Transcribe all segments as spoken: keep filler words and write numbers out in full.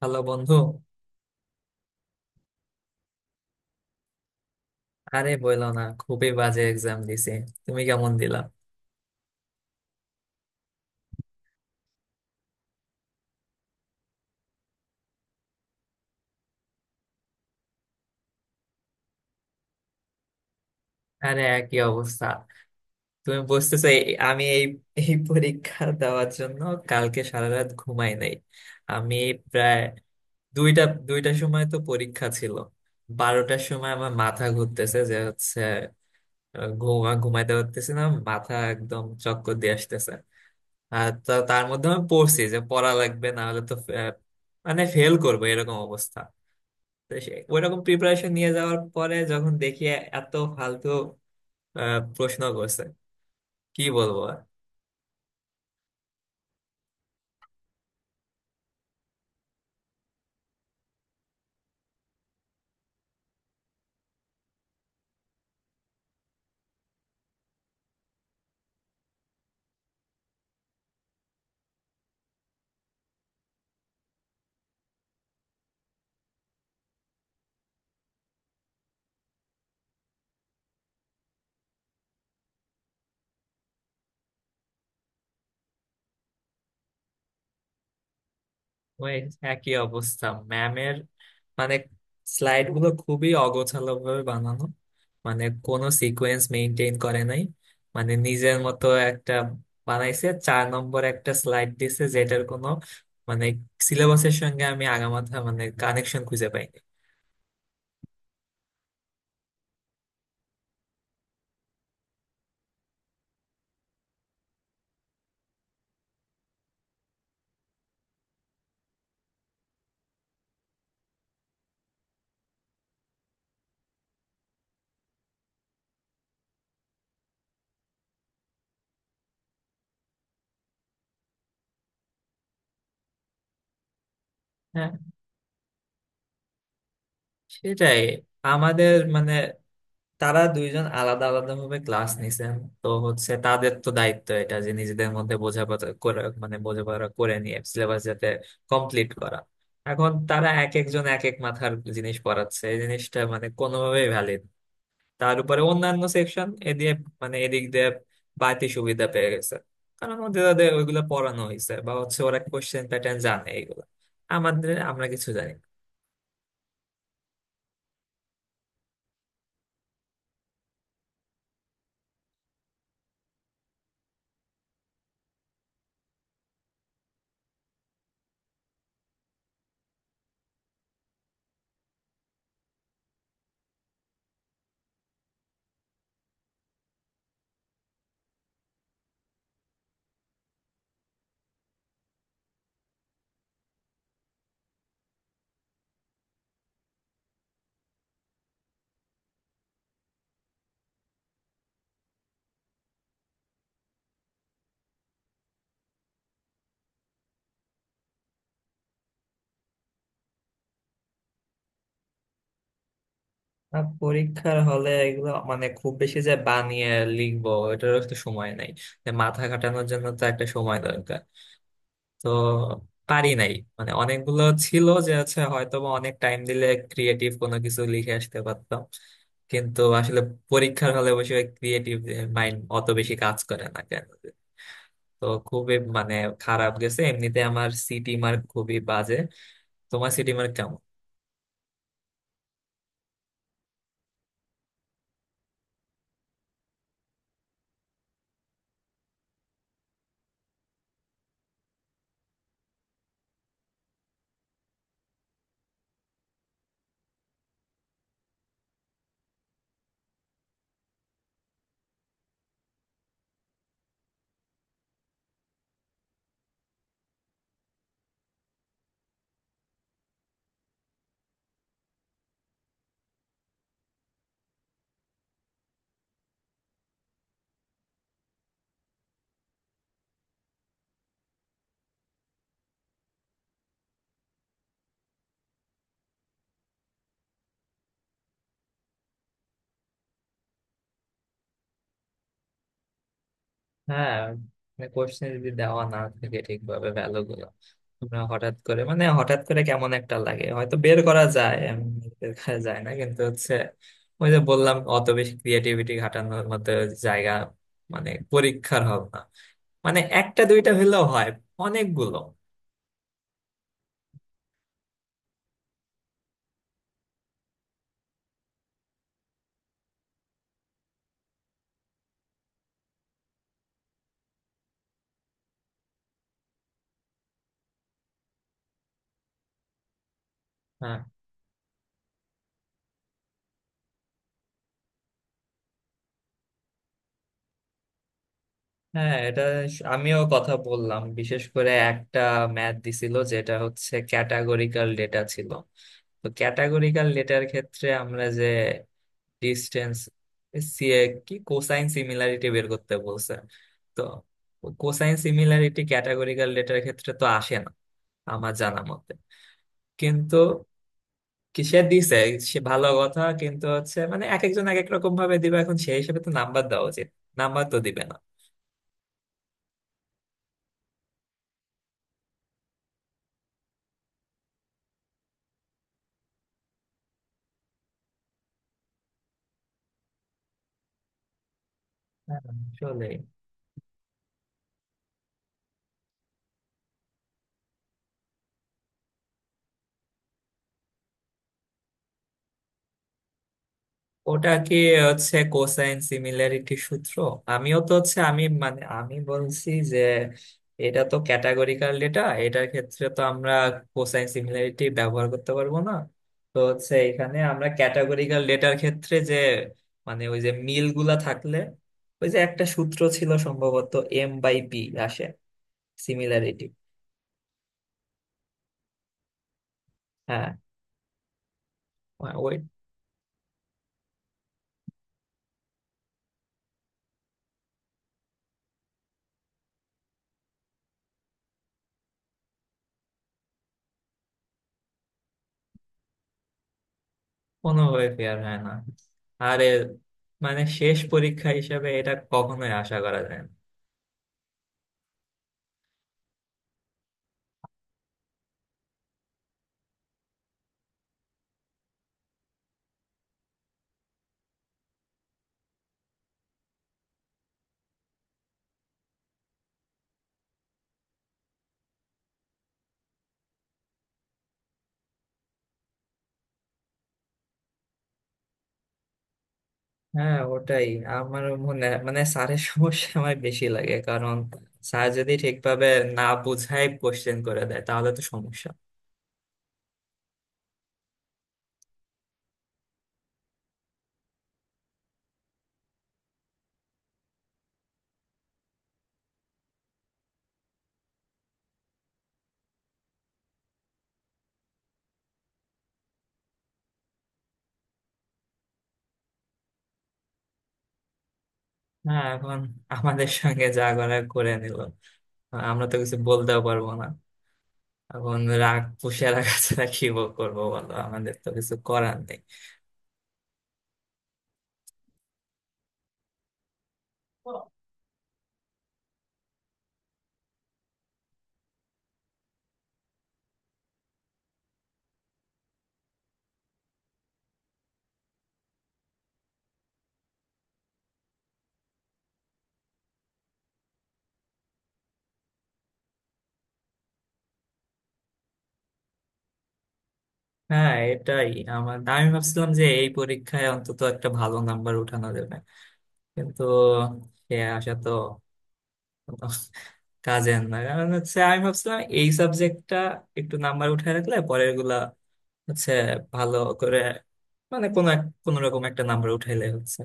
Hello বন্ধু। আরে বলো না, খুবই বাজে এক্সাম দিছি। তুমি কেমন দিলা? আরে একই অবস্থা। তুমি বুঝতেছো এই- আমি এই এই পরীক্ষা দেওয়ার জন্য কালকে সারা রাত ঘুমাই নাই আমি। প্রায় দুইটা দুইটার সময় তো পরীক্ষা ছিল। বারোটার সময় আমার মাথা ঘুরতেছে, যে হচ্ছে আহ, ঘুমা ঘুমাইতে পারতেছি না, মাথা একদম চক্কর দিয়ে আসতেছে। আর তা- তার মধ্যে আমি পড়ছি যে পড়া লাগবে, না হলে তো আহ, মানে ফেল করবো এরকম অবস্থা। তো সে ওইরকম প্রিপারেশন নিয়ে যাওয়ার পরে যখন দেখি এ- এত ফালতু আহ, প্রশ্ন করছে, কি বলবো আর? ওই একই অবস্থা। ম্যামের মানে স্লাইড গুলো খুবই অগোছালো ভাবে বানানো, মানে কোনো সিকোয়েন্স মেনটেন করে নাই, মানে নিজের মতো একটা বানাইছে। চার নম্বর একটা স্লাইড দিছে যেটার কোনো মানে সিলেবাসের সঙ্গে আমি আগামাথা মানে কানেকশন খুঁজে পাইনি। হ্যাঁ, সেটাই। আমাদের মানে তারা দুইজন আলাদা আলাদা ভাবে ক্লাস নিছেন। তো হচ্ছে তাদের তো দায়িত্ব এটা যে নিজেদের মধ্যে বোঝাপড়া করে, মানে বোঝাপড়া করে নিয়ে সিলেবাস যাতে কমপ্লিট করা। এখন তারা এক একজন এক এক মাথার জিনিস পড়াচ্ছে, এই জিনিসটা মানে কোনোভাবেই ভ্যালিড। তার উপরে অন্যান্য সেকশন এদিকে মানে এদিক দিয়ে বাড়তি সুবিধা পেয়ে গেছে, কারণ ওদের ওদের ওইগুলো পড়ানো হয়েছে, বা হচ্ছে ওরা কোশ্চেন প্যাটার্ন জানে এইগুলো। আমাদের আমরা কিছু জানি না। আর পরীক্ষার হলে এগুলো মানে খুব বেশি যে বানিয়ে লিখবো, এটারও তো সময় নাই। যে মাথা খাটানোর জন্য তো একটা সময় দরকার, তো পারি নাই। মানে অনেকগুলো ছিল যে আছে হয়তো বা অনেক টাইম দিলে ক্রিয়েটিভ কোনো কিছু লিখে আসতে পারতাম, কিন্তু আসলে পরীক্ষার হলে বসে ক্রিয়েটিভ মাইন্ড অত বেশি কাজ করে না কেন জানি। তো খুবই মানে খারাপ গেছে। এমনিতে আমার সিটি মার্ক খুবই বাজে। তোমার সিটি মার্ক কেমন? হ্যাঁ, কোশ্চেন যদি দেওয়া না থাকে ঠিকভাবে ভ্যালু গুলো, তোমরা হঠাৎ করে মানে হঠাৎ করে কেমন একটা লাগে, হয়তো বের করা যায়, এমনি বের করা যায় না, কিন্তু হচ্ছে ওই যে বললাম অত বেশি ক্রিয়েটিভিটি ঘাটানোর মতো জায়গা মানে পরীক্ষার হবে না, মানে একটা দুইটা হলেও হয়, অনেকগুলো। হ্যাঁ, হ্যাঁ, এটা স- আমিও কথা বললাম। বিশেষ করে একটা ম্যাথ দিছিল যেটা হচ্ছে ক্যাটাগরিক্যাল ডেটা ছিল। তো ক্যাটাগরিক্যাল ডেটার ক্ষেত্রে আমরা যে ডিস্টেন্স কি কোসাইন সিমিলারিটি বের করতে বলছে। তো কোসাইন সিমিলারিটি ক্যাটাগরিক্যাল ডেটার ক্ষেত্রে তো আসে না আমার জানা মতে, কিন্তু কি সে দিছে। সে ভালো কথা, কিন্তু হচ্ছে মানে এক একজন এক এক রকম ভাবে দিবে, এখন সেই হিসেবে তো নাম্বার দেওয়া উচিত। নাম্বার তো দিবে না। হ্যাঁ, আসলেই। ওটা কি হচ্ছে কোসাইন সিমিলারিটি সূত্র? আমিও তো হচ্ছে আমি মানে আমি বলছি যে এটা তো ক্যাটাগরিকাল ডেটা, এটার ক্ষেত্রে তো আমরা কোসাইন সিমিলারিটি ব্যবহার করতে পারবো না। তো হচ্ছে এখানে আমরা ক্যাটাগরিকাল ডেটার ক্ষেত্রে যে মানে ওই যে মিলগুলা থাকলে, ওই যে একটা সূত্র ছিল সম্ভবত, এম বাই পি আসে, সিমিলারিটি। হ্যাঁ, মানে ওই কোনোভাবে ফেয়ার হয় না। আরে মানে শেষ পরীক্ষা হিসেবে এটা কখনোই আশা করা যায় না। হ্যাঁ, ওটাই। আমার মনে মানে স্যারের সমস্যা আমার বেশি লাগে, কারণ স্যার যদি ঠিকভাবে না বুঝাই কোশ্চেন করে দেয় তাহলে তো সমস্যা। হ্যাঁ এখন আমাদের সঙ্গে যা করার করে নিল, আমরা তো কিছু বলতেও পারবো না। এখন রাগ পুষে রাখা ছাড়া কি বল- করবো বলো, আমাদের তো কিছু করার নেই। হ্যাঁ, এটাই। আমার আমি ভাবছিলাম যে এই পরীক্ষায় অন্তত একটা ভালো নাম্বার উঠানো যাবে, কিন্তু সে আশা তো কাজের না, কারণ হচ্ছে আমি ভাবছিলাম এই সাবজেক্টটা একটু নাম্বার উঠায় রাখলে পরের গুলা হচ্ছে ভালো করে মানে কোনো এক কোনো রকম একটা নাম্বার উঠাইলে হচ্ছে।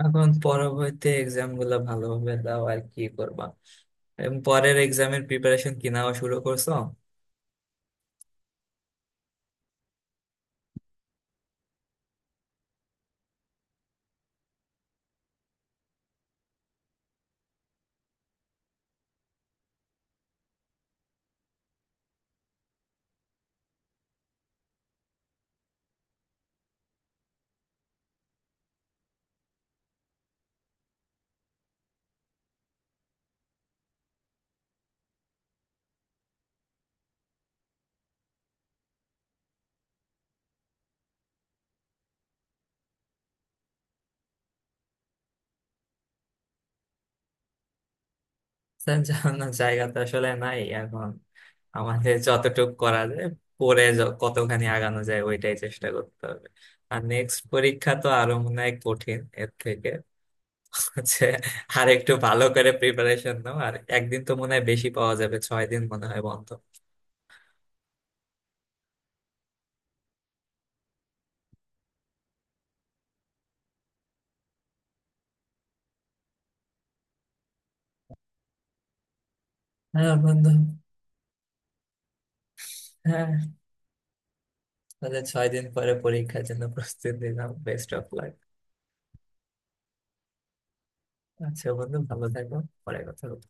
এখন পরবর্তী এক্সাম গুলা ভালোভাবে দাও, আর কি করবা। এবং পরের এক্সামের প্রিপারেশন কি নেওয়া শুরু করছো? স্যার জানানোর জায়গা তো আসলে নাই এখন। আমাদের যতটুকু করা যায়, পরে য- কতখানি আগানো যায় ওইটাই চেষ্টা করতে হবে। আর নেক্সট পরীক্ষা তো আরো মনে হয় কঠিন এর থেকে হচ্ছে। আর একটু ভালো করে প্রিপারেশন নাও, আর একদিন তো মনে হয় বেশি পাওয়া যাবে, ছয় দিন মনে হয় বন্ধ। হ্যাঁ বন্ধু। হ্যাঁ, তাহলে ছয় দিন পরে পরীক্ষার জন্য প্রস্তুতি নিলাম, বেস্ট অফ লাক। আচ্ছা বন্ধু, ভালো থাকো, পরে কথা হবে।